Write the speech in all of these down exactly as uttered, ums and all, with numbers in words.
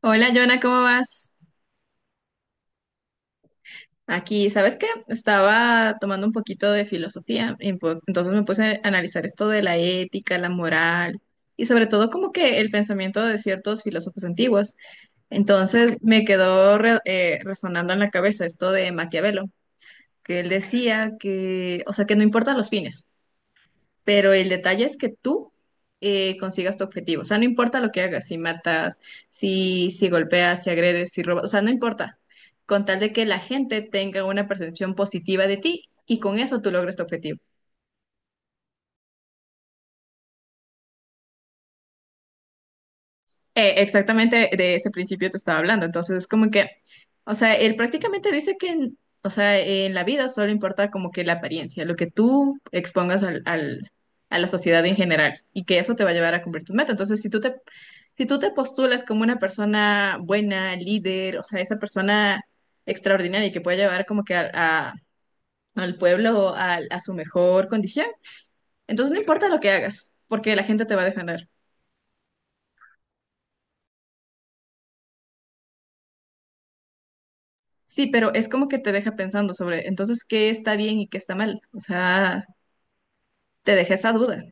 Hola, Jonah, ¿cómo vas? Aquí, ¿sabes qué? Estaba tomando un poquito de filosofía, y po- entonces me puse a analizar esto de la ética, la moral y sobre todo como que el pensamiento de ciertos filósofos antiguos. Entonces me quedó re- eh, resonando en la cabeza esto de Maquiavelo, que él decía que, o sea, que no importan los fines, pero el detalle es que tú eh, consigas tu objetivo. O sea, no importa lo que hagas, si matas, si, si golpeas, si agredes, si robas, o sea, no importa. Con tal de que la gente tenga una percepción positiva de ti y con eso tú logres tu objetivo. Eh, exactamente de ese principio te estaba hablando. Entonces, es como que, o sea, él prácticamente dice que, en- o sea, en la vida solo importa como que la apariencia, lo que tú expongas al, al- a la sociedad en general y que eso te va a llevar a cumplir tus metas. Entonces, si tú te, si tú te postulas como una persona buena, líder, o sea, esa persona extraordinaria que puede llevar como que a- a- al pueblo a, a su mejor condición, entonces no importa lo que hagas, porque la gente te va a defender. Sí, pero es como que te deja pensando sobre entonces qué está bien y qué está mal. O sea, te deja esa duda.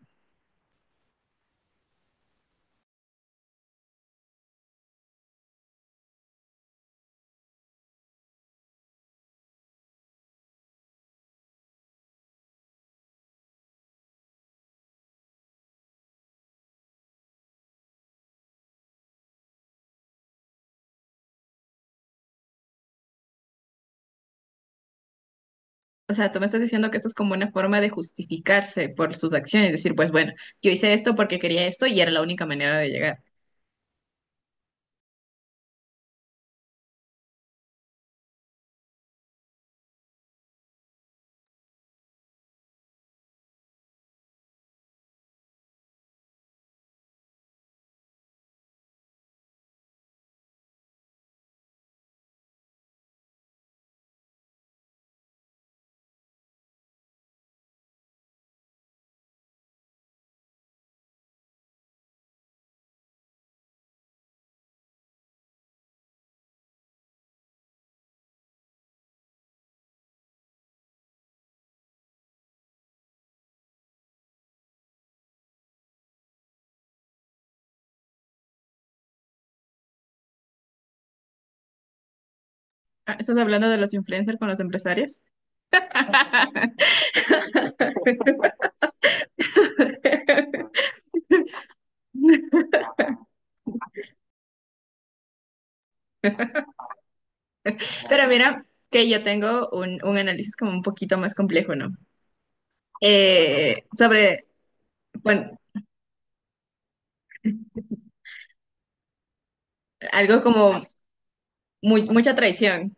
O sea, tú me estás diciendo que esto es como una forma de justificarse por sus acciones, decir, pues bueno, yo hice esto porque quería esto y era la única manera de llegar. Ah, ¿estás hablando de los influencers con los empresarios? Pero mira que yo tengo un, un análisis como un poquito más complejo, ¿no? Eh, sobre, bueno, algo como mu- mucha traición.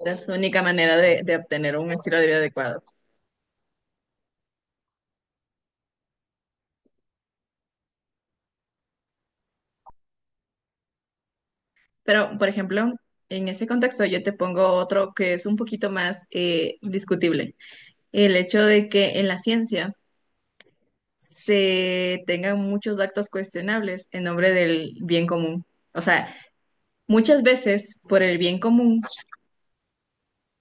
Era su única manera de, de obtener un estilo de vida adecuado. Pero, por ejemplo, en ese contexto yo te pongo otro que es un poquito más eh, discutible. El hecho de que en la ciencia se tengan muchos actos cuestionables en nombre del bien común. O sea, muchas veces por el bien común,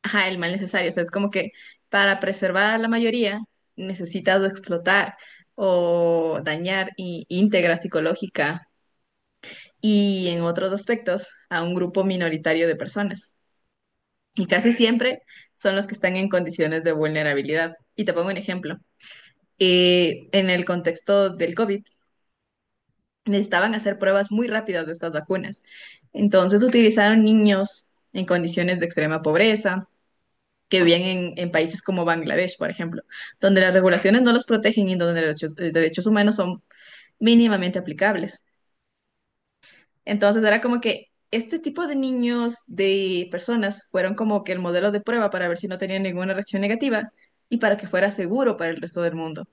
ajá, el mal necesario. O sea, es como que para preservar a la mayoría necesitas explotar o dañar í- íntegra psicológica y en otros aspectos a un grupo minoritario de personas. Y casi siempre son los que están en condiciones de vulnerabilidad. Y te pongo un ejemplo. Eh, en el contexto del COVID, necesitaban hacer pruebas muy rápidas de estas vacunas. Entonces utilizaron niños en condiciones de extrema pobreza, que vivían en, en países como Bangladesh, por ejemplo, donde las regulaciones no los protegen y donde los derechos, eh, derechos humanos son mínimamente aplicables. Entonces era como que este tipo de niños, de personas, fueron como que el modelo de prueba para ver si no tenían ninguna reacción negativa y para que fuera seguro para el resto del mundo.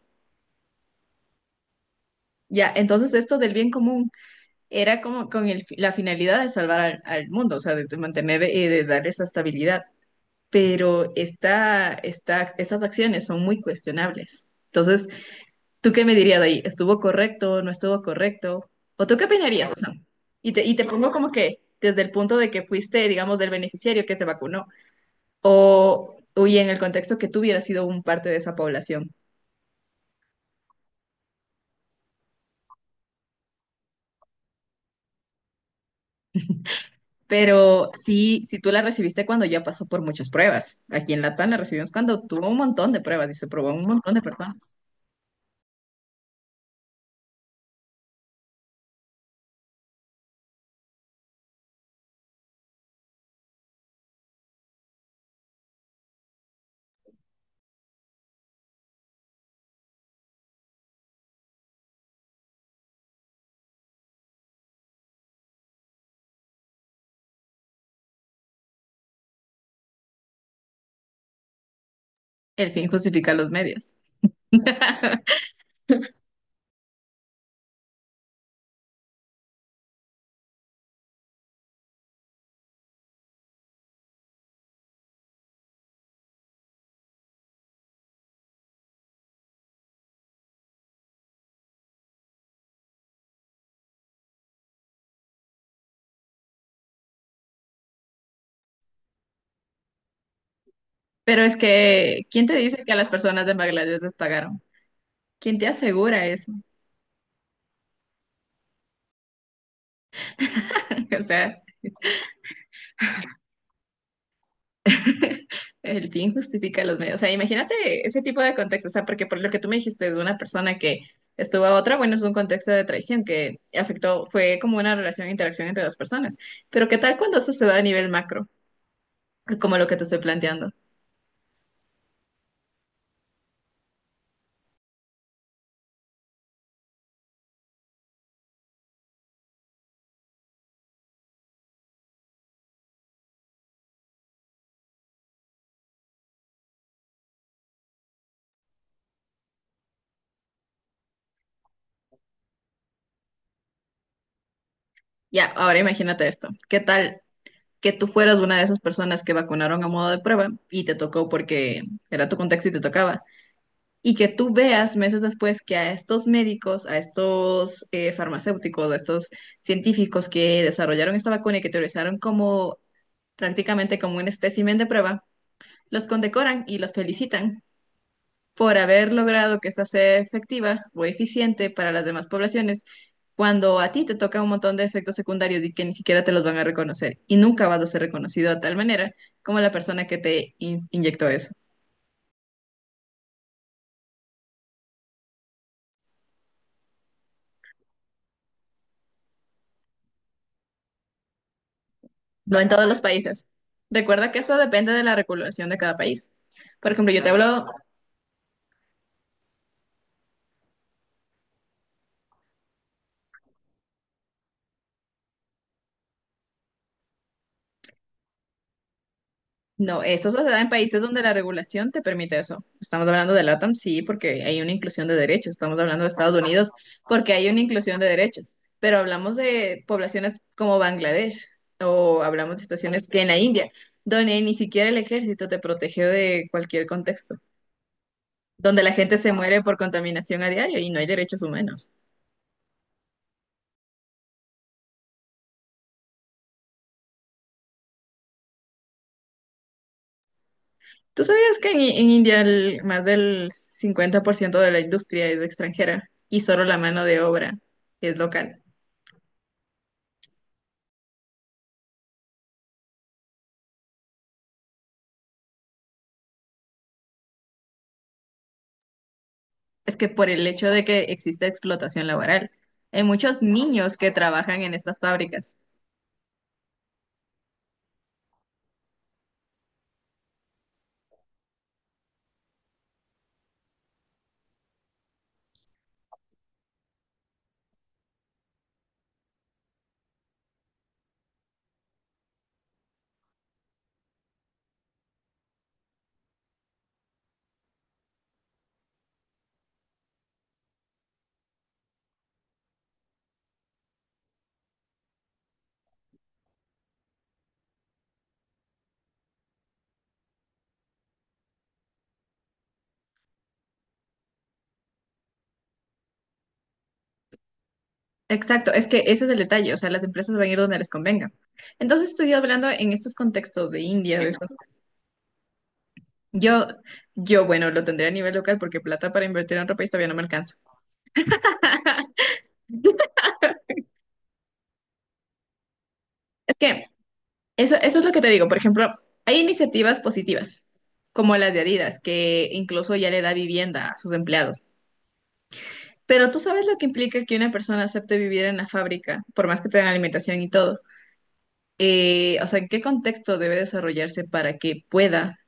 Ya, entonces esto del bien común era como con el fi- la finalidad de salvar al, al mundo, o sea, de, de mantener, eh, de darle esa estabilidad. Pero esta, esta, estas acciones son muy cuestionables. Entonces, ¿tú qué me dirías de ahí? ¿Estuvo correcto? ¿No estuvo correcto? ¿O tú qué opinarías? ¿Sam? Y te, y te pongo como que desde el punto de que fuiste, digamos, del beneficiario que se vacunó, o, o y en el contexto que tú hubieras sido un parte de esa población. Pero sí, si tú la recibiste cuando ya pasó por muchas pruebas. Aquí en Latam la recibimos cuando tuvo un montón de pruebas y se probó a un montón de personas. El fin justifica los medios. Pero es que, ¿quién te dice que a las personas de Bangladesh les pagaron? ¿Quién te asegura eso? O sea, el fin justifica los medios. O sea, imagínate ese tipo de contexto. O sea, porque por lo que tú me dijiste de una persona que estuvo a otra, bueno, es un contexto de traición que afectó, fue como una relación, interacción entre dos personas. Pero ¿qué tal cuando eso se da a nivel macro? Como lo que te estoy planteando. Ya, ahora imagínate esto. ¿Qué tal que tú fueras una de esas personas que vacunaron a modo de prueba y te tocó porque era tu contexto y te tocaba, y que tú veas meses después que a estos médicos, a estos eh, farmacéuticos, a estos científicos que desarrollaron esta vacuna y que utilizaron como prácticamente como un espécimen de prueba, los condecoran y los felicitan por haber logrado que esta sea efectiva o eficiente para las demás poblaciones, cuando a ti te toca un montón de efectos secundarios y que ni siquiera te los van a reconocer y nunca vas a ser reconocido de tal manera como la persona que te in- inyectó eso? No en todos los países. Recuerda que eso depende de la regulación de cada país. Por ejemplo, yo te claro hablo, no, eso se da en países donde la regulación te permite eso. Estamos hablando de L A T A M, sí, porque hay una inclusión de derechos. Estamos hablando de Estados Unidos, porque hay una inclusión de derechos. Pero hablamos de poblaciones como Bangladesh o hablamos de situaciones que en la India, donde ni siquiera el ejército te protege de cualquier contexto, donde la gente se muere por contaminación a diario y no hay derechos humanos. ¿Tú sabías que en, en India el- más del cincuenta por ciento de la industria es extranjera y solo la mano de obra es local? Es que por el hecho de que existe explotación laboral, hay muchos niños que trabajan en estas fábricas. Exacto, es que ese es el detalle, o sea, las empresas van a ir donde les convenga. Entonces estoy hablando en estos contextos de India, de estos- yo, yo, bueno, lo tendré a nivel local porque plata para invertir en ropa y todavía no me alcanza. Es que Eso, eso es lo que te digo. Por ejemplo, hay iniciativas positivas, como las de Adidas, que incluso ya le da vivienda a sus empleados. Pero tú sabes lo que implica que una persona acepte vivir en la fábrica, por más que tenga alimentación y todo. Eh, o sea, ¿en qué contexto debe desarrollarse para que pueda,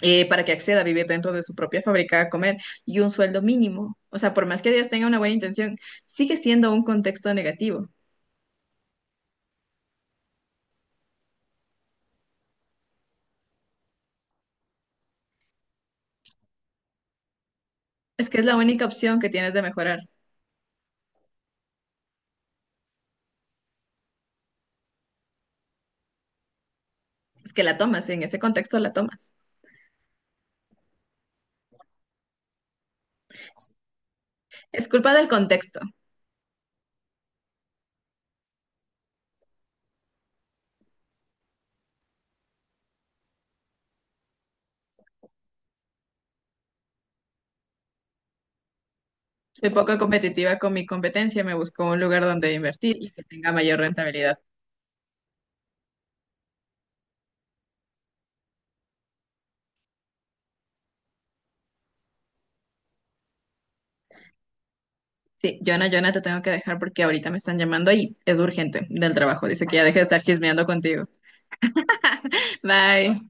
eh, para que acceda a vivir dentro de su propia fábrica a comer y un sueldo mínimo? O sea, por más que Adidas tenga una buena intención, sigue siendo un contexto negativo. Es que es la única opción que tienes de mejorar. Es que la tomas, en ese contexto la tomas. Es culpa del contexto. Soy poco competitiva con mi competencia, me busco un lugar donde invertir y que tenga mayor rentabilidad. Sí, Jonah, Jonah, te tengo que dejar porque ahorita me están llamando y es urgente del trabajo. Dice que ya deje de estar chismeando contigo. Bye.